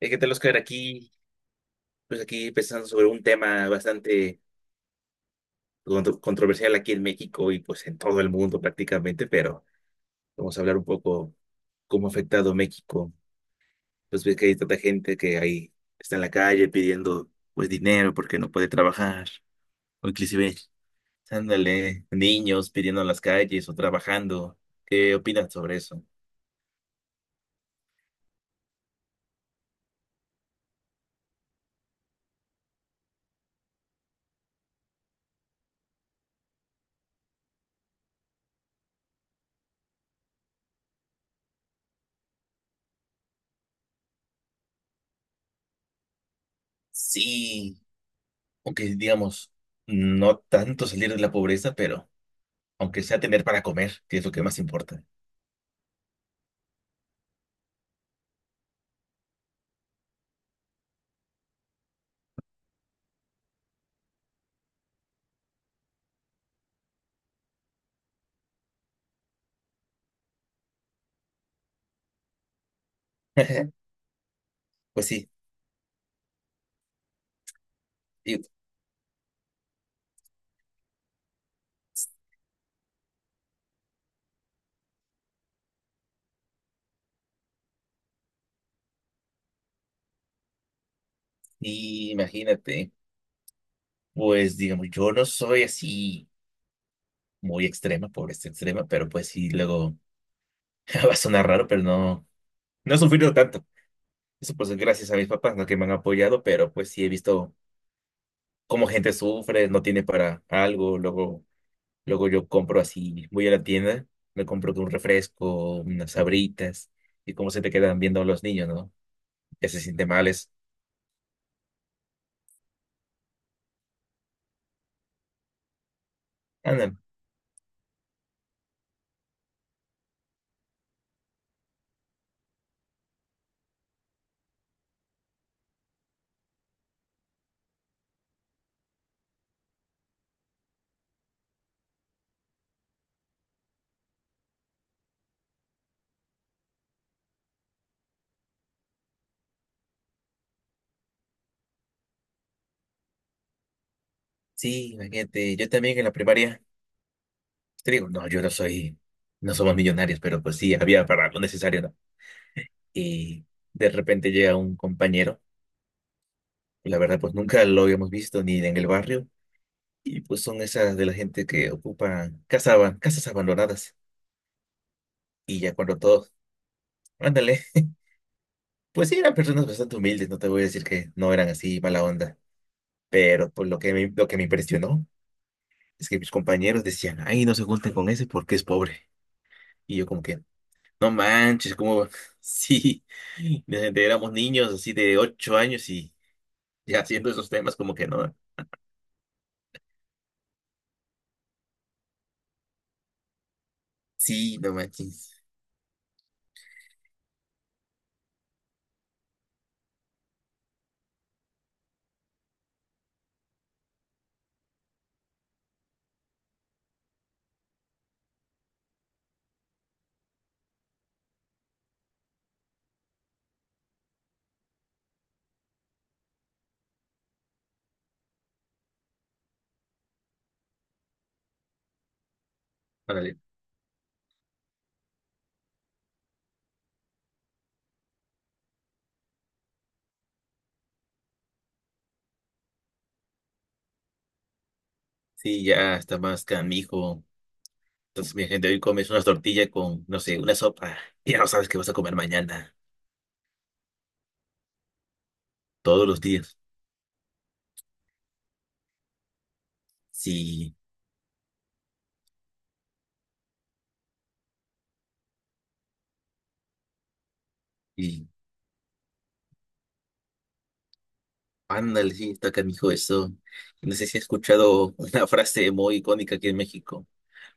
¿Qué tal, Oscar? Aquí, pues aquí pensando sobre un tema bastante controversial aquí en México y pues en todo el mundo prácticamente, pero vamos a hablar un poco cómo ha afectado México. Pues ves que hay tanta gente que ahí está en la calle pidiendo pues dinero porque no puede trabajar, o inclusive, ándale, niños pidiendo en las calles o trabajando. ¿Qué opinas sobre eso? Sí, aunque digamos, no tanto salir de la pobreza, pero aunque sea tener para comer, que es lo que más importa. Pues sí, y- y imagínate, pues digamos, yo no soy así muy extrema, pobreza extrema, pero pues sí, luego va a sonar raro, pero no, no he sufrido tanto. Eso pues es gracias a mis papás, ¿no? Que me han apoyado, pero pues sí he visto cómo gente sufre, no tiene para algo, luego yo compro así, voy a la tienda, me compro un refresco, unas sabritas, y cómo se te quedan viendo los niños, ¿no? Que se sienten males. Andan, sí, imagínate, yo también en la primaria. Te digo, no, yo no soy, no somos millonarios, pero pues sí, había para lo necesario, ¿no? Y de repente llega un compañero, y la verdad, pues nunca lo habíamos visto ni en el barrio, y pues son esas de la gente que ocupan casa, casas abandonadas, y ya cuando todos, ándale, pues sí, eran personas bastante humildes, no te voy a decir que no eran así mala onda, pero pues lo que me impresionó es que mis compañeros decían, ay, no se junten con ese porque es pobre, y yo como que, no manches, como sí, desde que éramos niños así de 8 años y ya haciendo esos temas como que no, sí, no manches, órale, sí, ya está más canijo. Entonces, mi gente, hoy comes unas tortillas con, no sé, una sopa, y ya no sabes qué vas a comer mañana, todos los días. Sí, y ándale, sí, está canijo eso. No sé si has escuchado una frase muy icónica aquí en México,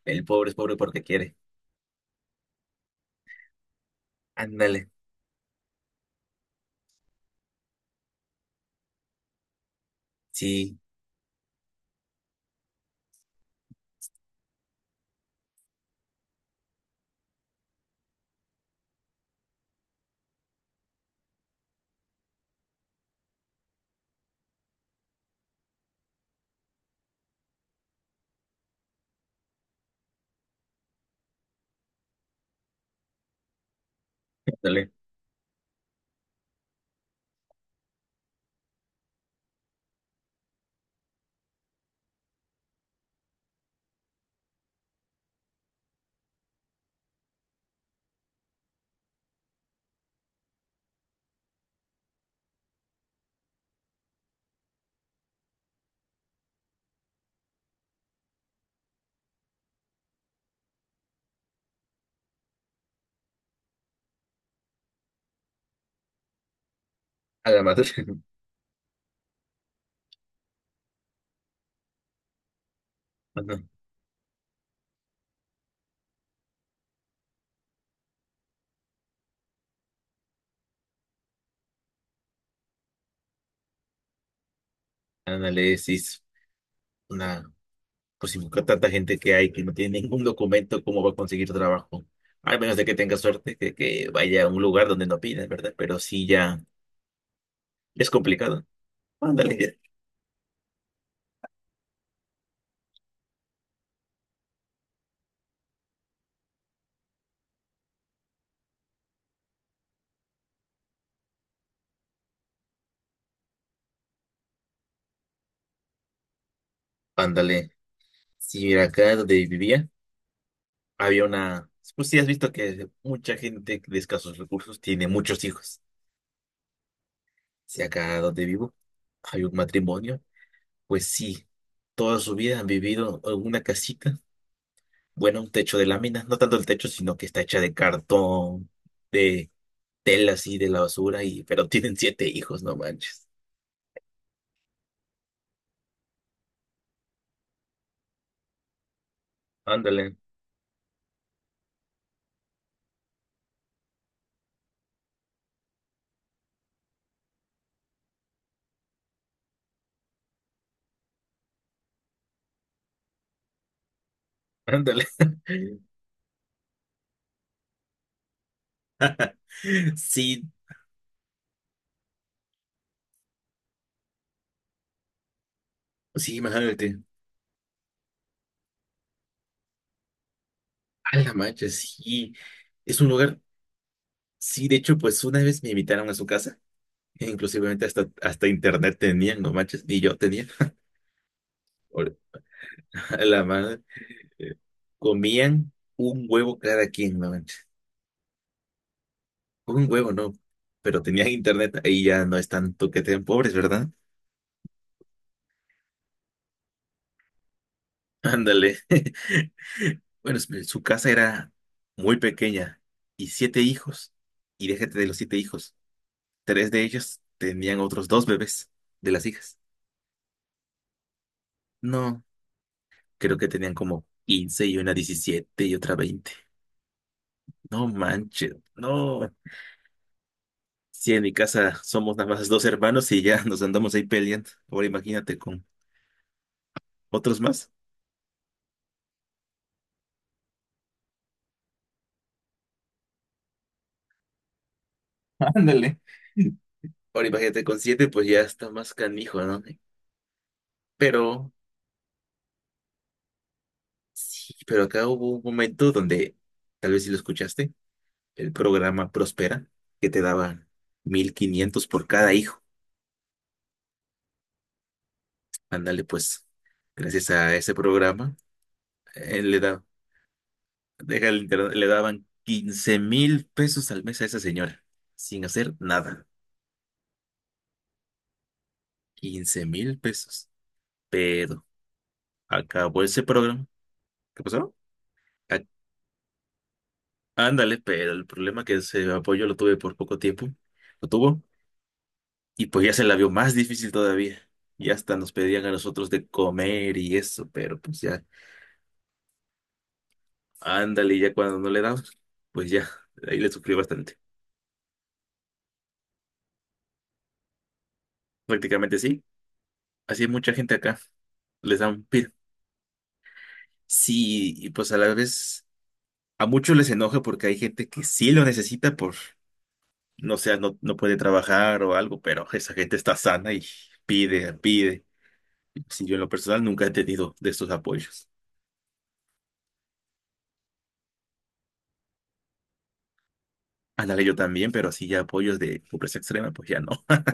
el pobre es pobre porque quiere. Ándale, sí, ándale, a la madre. Análisis, una, pues si busca tanta gente que hay que no tiene ningún documento, ¿cómo va a conseguir trabajo? Al menos de que tenga suerte, que vaya a un lugar donde no piden, ¿verdad? Pero sí ya es complicado. Ándale, ándale. Si mira, acá donde vivía, había una, pues sí has visto que mucha gente de escasos recursos tiene muchos hijos. Si acá donde vivo hay un matrimonio, pues sí, toda su vida han vivido en una casita. Bueno, un techo de láminas, no tanto el techo, sino que está hecha de cartón, de tela así de la basura, y, pero tienen siete hijos, no manches. Ándale, ándale. Sí, sí, imagínate. A la mancha, sí. Es un lugar, sí, de hecho, pues una vez me invitaron a su casa, e inclusivemente hasta internet tenían, no manches, ni yo tenía. Ahora, a la madre, eh, comían un huevo cada quien, no manches. Un huevo, no. Pero tenían internet, ahí ya no es tanto que te den pobres, ¿verdad? Ándale. Bueno, su casa era muy pequeña y siete hijos. Y déjate de los siete hijos. Tres de ellos tenían otros dos bebés de las hijas. No, creo que tenían como 15 y una 17 y otra 20. No manches, no. Si en mi casa somos nada más dos hermanos y ya nos andamos ahí peleando. Ahora imagínate con otros más. Ándale. Ahora imagínate con siete, pues ya está más canijo, ¿no? Pero, sí, pero acá hubo un momento donde, tal vez si lo escuchaste, el programa Prospera, que te daban 1,500 por cada hijo. Ándale, pues, gracias a ese programa, eh, le da, deja el internet, le daban $15,000 al mes a esa señora, sin hacer nada. $15,000. Pero acabó ese programa. ¿Qué pasó? Ándale, pero el problema es que ese apoyo lo tuve por poco tiempo, lo tuvo, y pues ya se la vio más difícil todavía. Y hasta nos pedían a nosotros de comer y eso, pero pues ya, ándale, ya cuando no le damos, pues ya, ahí le sufrió bastante. Prácticamente sí, así hay mucha gente acá, les dan pir. Sí, y pues a la vez, a muchos les enoja porque hay gente que sí lo necesita por, no sé, no, no puede trabajar o algo, pero esa gente está sana y pide, pide. Sí, yo en lo personal nunca he tenido de estos apoyos. Ándale, yo también, pero así ya apoyos de pobreza extrema, pues ya no.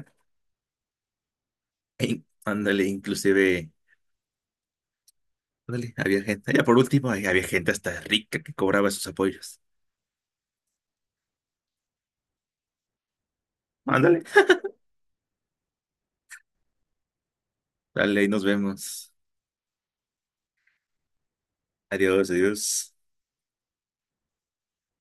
Ey, ándale, inclusive, ándale, había gente, ya por último, ahí había gente hasta rica que cobraba esos apoyos. Ándale. Dale, ahí nos vemos. Adiós, adiós.